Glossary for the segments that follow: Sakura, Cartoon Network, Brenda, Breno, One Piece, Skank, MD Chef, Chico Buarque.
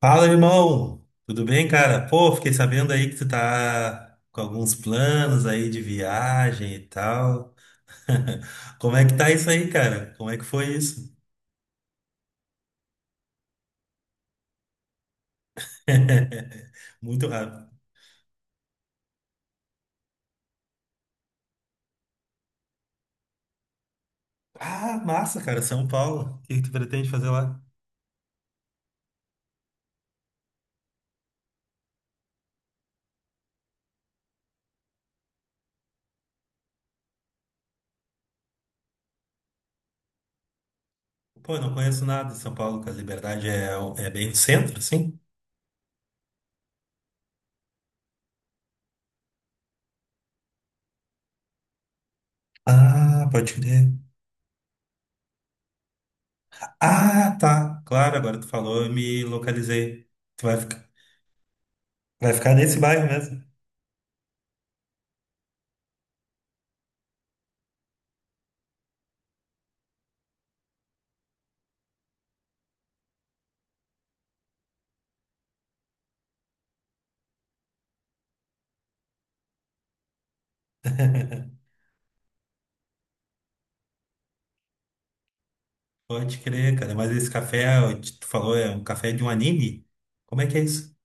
Fala, irmão! Tudo bem, cara? Pô, fiquei sabendo aí que tu tá com alguns planos aí de viagem e tal. Como é que tá isso aí, cara? Como é que foi isso? Muito rápido. Ah, massa, cara, São Paulo. O que que tu pretende fazer lá? Pô, eu não conheço nada de São Paulo, que a Liberdade é, é bem no centro, sim? Ah, pode crer. Ah, tá. Claro, agora tu falou, eu me localizei. Tu vai ficar nesse bairro mesmo? Pode crer, cara. Mas esse café, ó, que tu falou, é um café de um anime? Como é que é isso?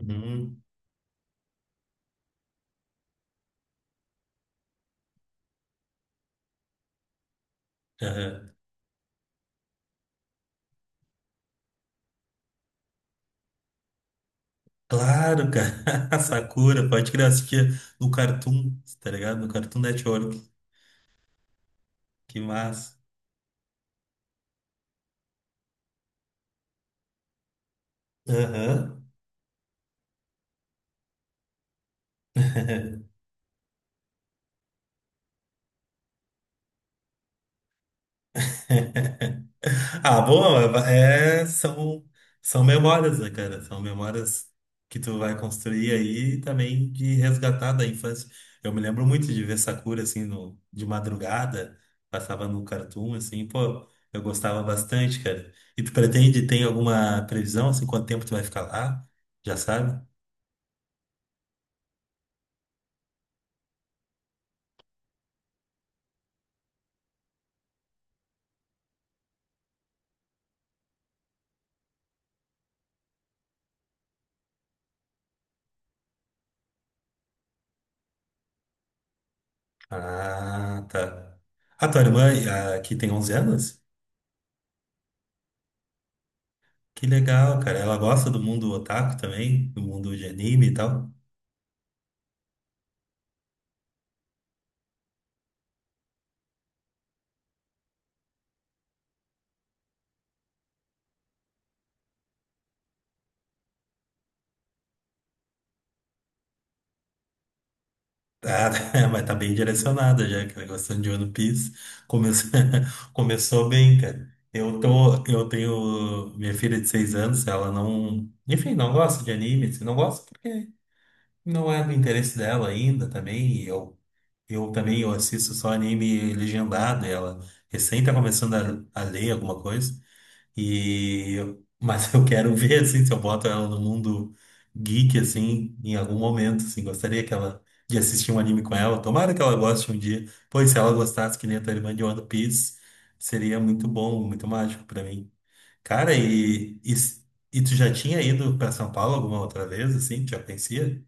Uhum. Aham. Claro, cara. Sakura, pode crer, eu assistia no Cartoon, tá ligado? No Cartoon Network. Que massa. Aham. Ah, bom, é, são, são memórias, né, cara? São memórias que tu vai construir aí e também de resgatar da infância. Eu me lembro muito de ver Sakura, assim, no, de madrugada, passava no Cartoon, assim, pô, eu gostava bastante, cara. E tu pretende, tem alguma previsão, assim, quanto tempo tu vai ficar lá? Já sabe? Ah, tá. A tua irmã, ah, que tem 11 anos? Que legal, cara. Ela gosta do mundo otaku também, do mundo de anime e tal. Tá, mas tá bem direcionada já, aquela questão de One Piece. Começou, começou bem, cara. Eu tenho minha filha de seis anos, ela não, enfim, não gosta de anime, assim, não gosta porque não é do interesse dela ainda também. E eu também eu assisto só anime legendado, e ela recém tá começando a ler alguma coisa. E mas eu quero ver assim se eu boto ela no mundo geek assim em algum momento, assim, gostaria que ela de assistir um anime com ela. Tomara que ela goste um dia. Pois se ela gostasse que nem a tua irmã de One Piece, seria muito bom, muito mágico pra mim. Cara, e tu já tinha ido pra São Paulo alguma outra vez assim? Tu já conhecia?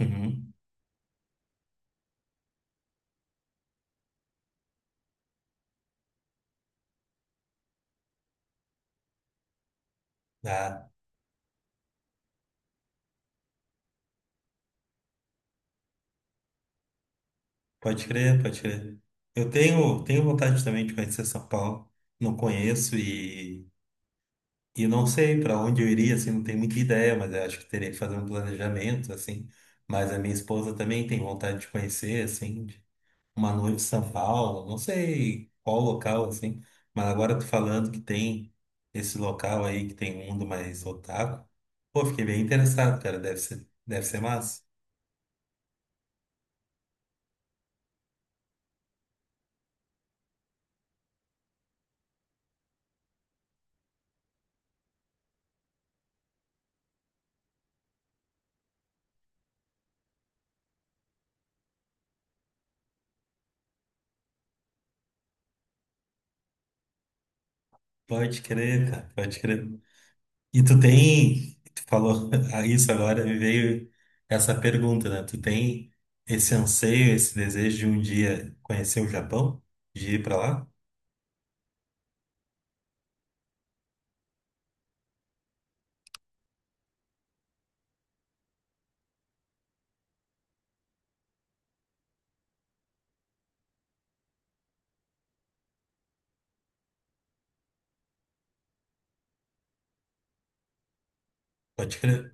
Uhum. Ah, pode crer, pode crer. Eu tenho vontade também de conhecer São Paulo. Não conheço e não sei para onde eu iria, assim, não tenho muita ideia, mas eu acho que teria que fazer um planejamento, assim. Mas a minha esposa também tem vontade de conhecer, assim, de- uma noiva de São Paulo, não sei qual local, assim. Mas agora tu falando que tem esse local aí, que tem um mundo mais otaku, pô, fiquei bem interessado, cara, deve ser massa. Pode crer, cara, pode crer. E tu tem, tu falou a isso agora, me veio essa pergunta, né? Tu tem esse anseio, esse desejo de um dia conhecer o Japão, de ir pra lá? Pode crer.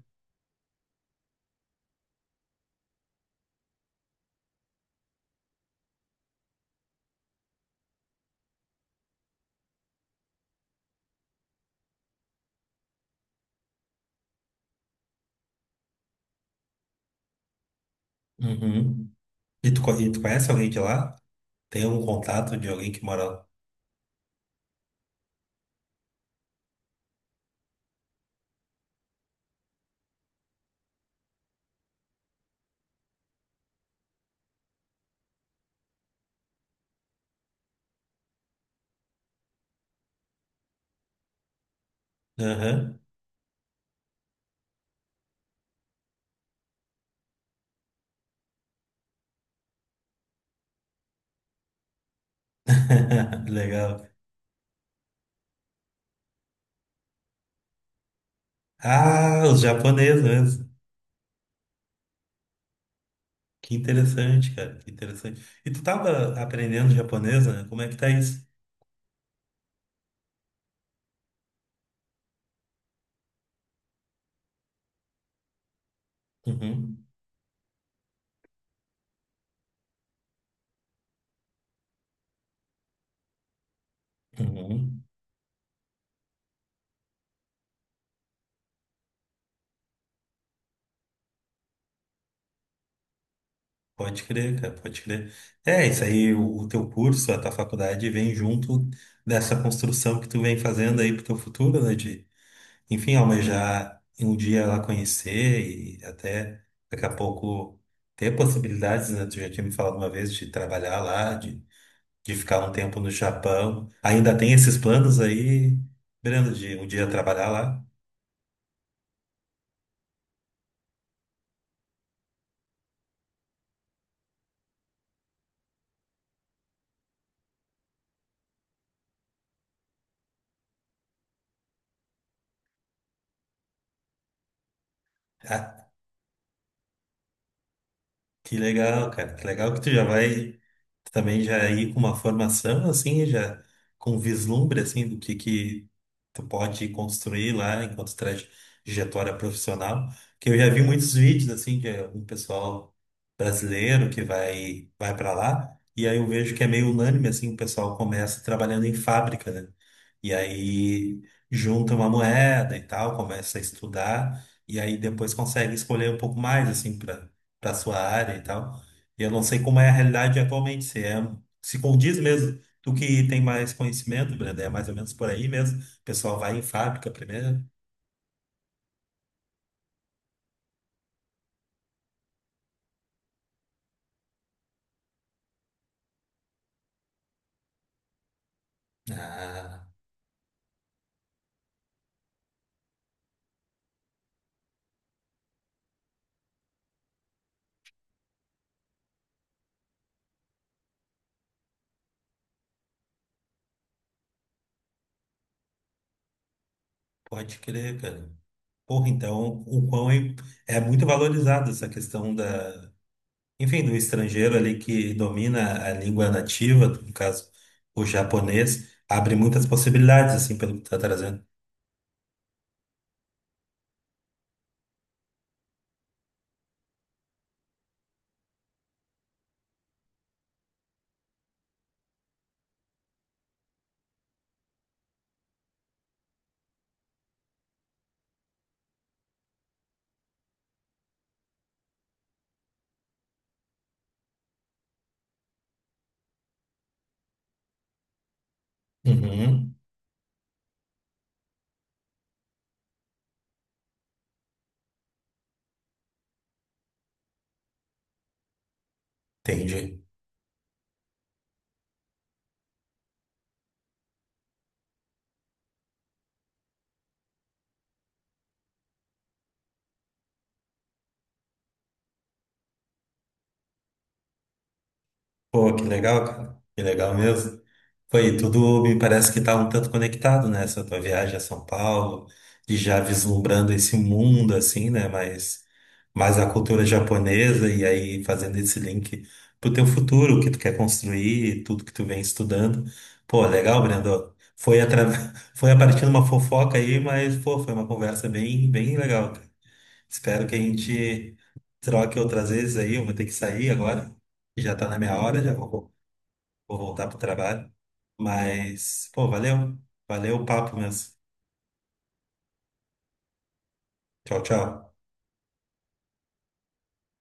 Uhum. E tu, e tu conhece alguém de lá? Tem algum contato de alguém que mora lá? Aham. Legal. Ah, os japoneses mesmo. Que interessante, cara, que interessante. E tu tava aprendendo japonês, né? Como é que tá isso? Uhum. Uhum. Pode crer, cara, pode crer. É, isso aí, o teu curso, a tua faculdade vem junto dessa construção que tu vem fazendo aí pro teu futuro, né? De, enfim, almejar um dia lá conhecer e até daqui a pouco ter possibilidades, né? Tu já tinha me falado uma vez de trabalhar lá, de ficar um tempo no Japão. Ainda tem esses planos aí, Breno, de um dia trabalhar lá? Ah, que legal, cara. Que legal que tu já vai também já ir com uma formação assim, já com um vislumbre assim do que tu pode construir lá enquanto trajetória profissional. Que eu já vi muitos vídeos assim de um pessoal brasileiro que vai para lá e aí eu vejo que é meio unânime assim, o pessoal começa trabalhando em fábrica, né? E aí junta uma moeda e tal, começa a estudar e aí depois consegue escolher um pouco mais assim para sua área e tal. E eu não sei como é a realidade atualmente, se é, se condiz mesmo, tu que tem mais conhecimento, Brenda, é mais ou menos por aí mesmo. O pessoal vai em fábrica primeiro. Ah, pode crer, cara. Porra, então o quão é, é muito valorizado essa questão da, enfim, do estrangeiro ali que domina a língua nativa, no caso, o japonês, abre muitas possibilidades, assim, pelo que tu tá trazendo. Uhum, entendi. Pô, que legal, cara. Que legal mesmo. Foi, tudo me parece que tá um tanto conectado, né? Essa tua viagem a São Paulo, e já vislumbrando esse mundo, assim, né? Mas a cultura japonesa, e aí fazendo esse link pro teu futuro, o que tu quer construir, tudo que tu vem estudando. Pô, legal, Brendo. Foi, foi a partir de uma fofoca aí, mas, pô, foi uma conversa bem, bem legal, cara. Espero que a gente troque outras vezes aí. Eu vou ter que sair agora, que já tá na minha hora, já vou, vou voltar pro trabalho. Mas, pô, valeu. Valeu o papo mesmo. Tchau, tchau.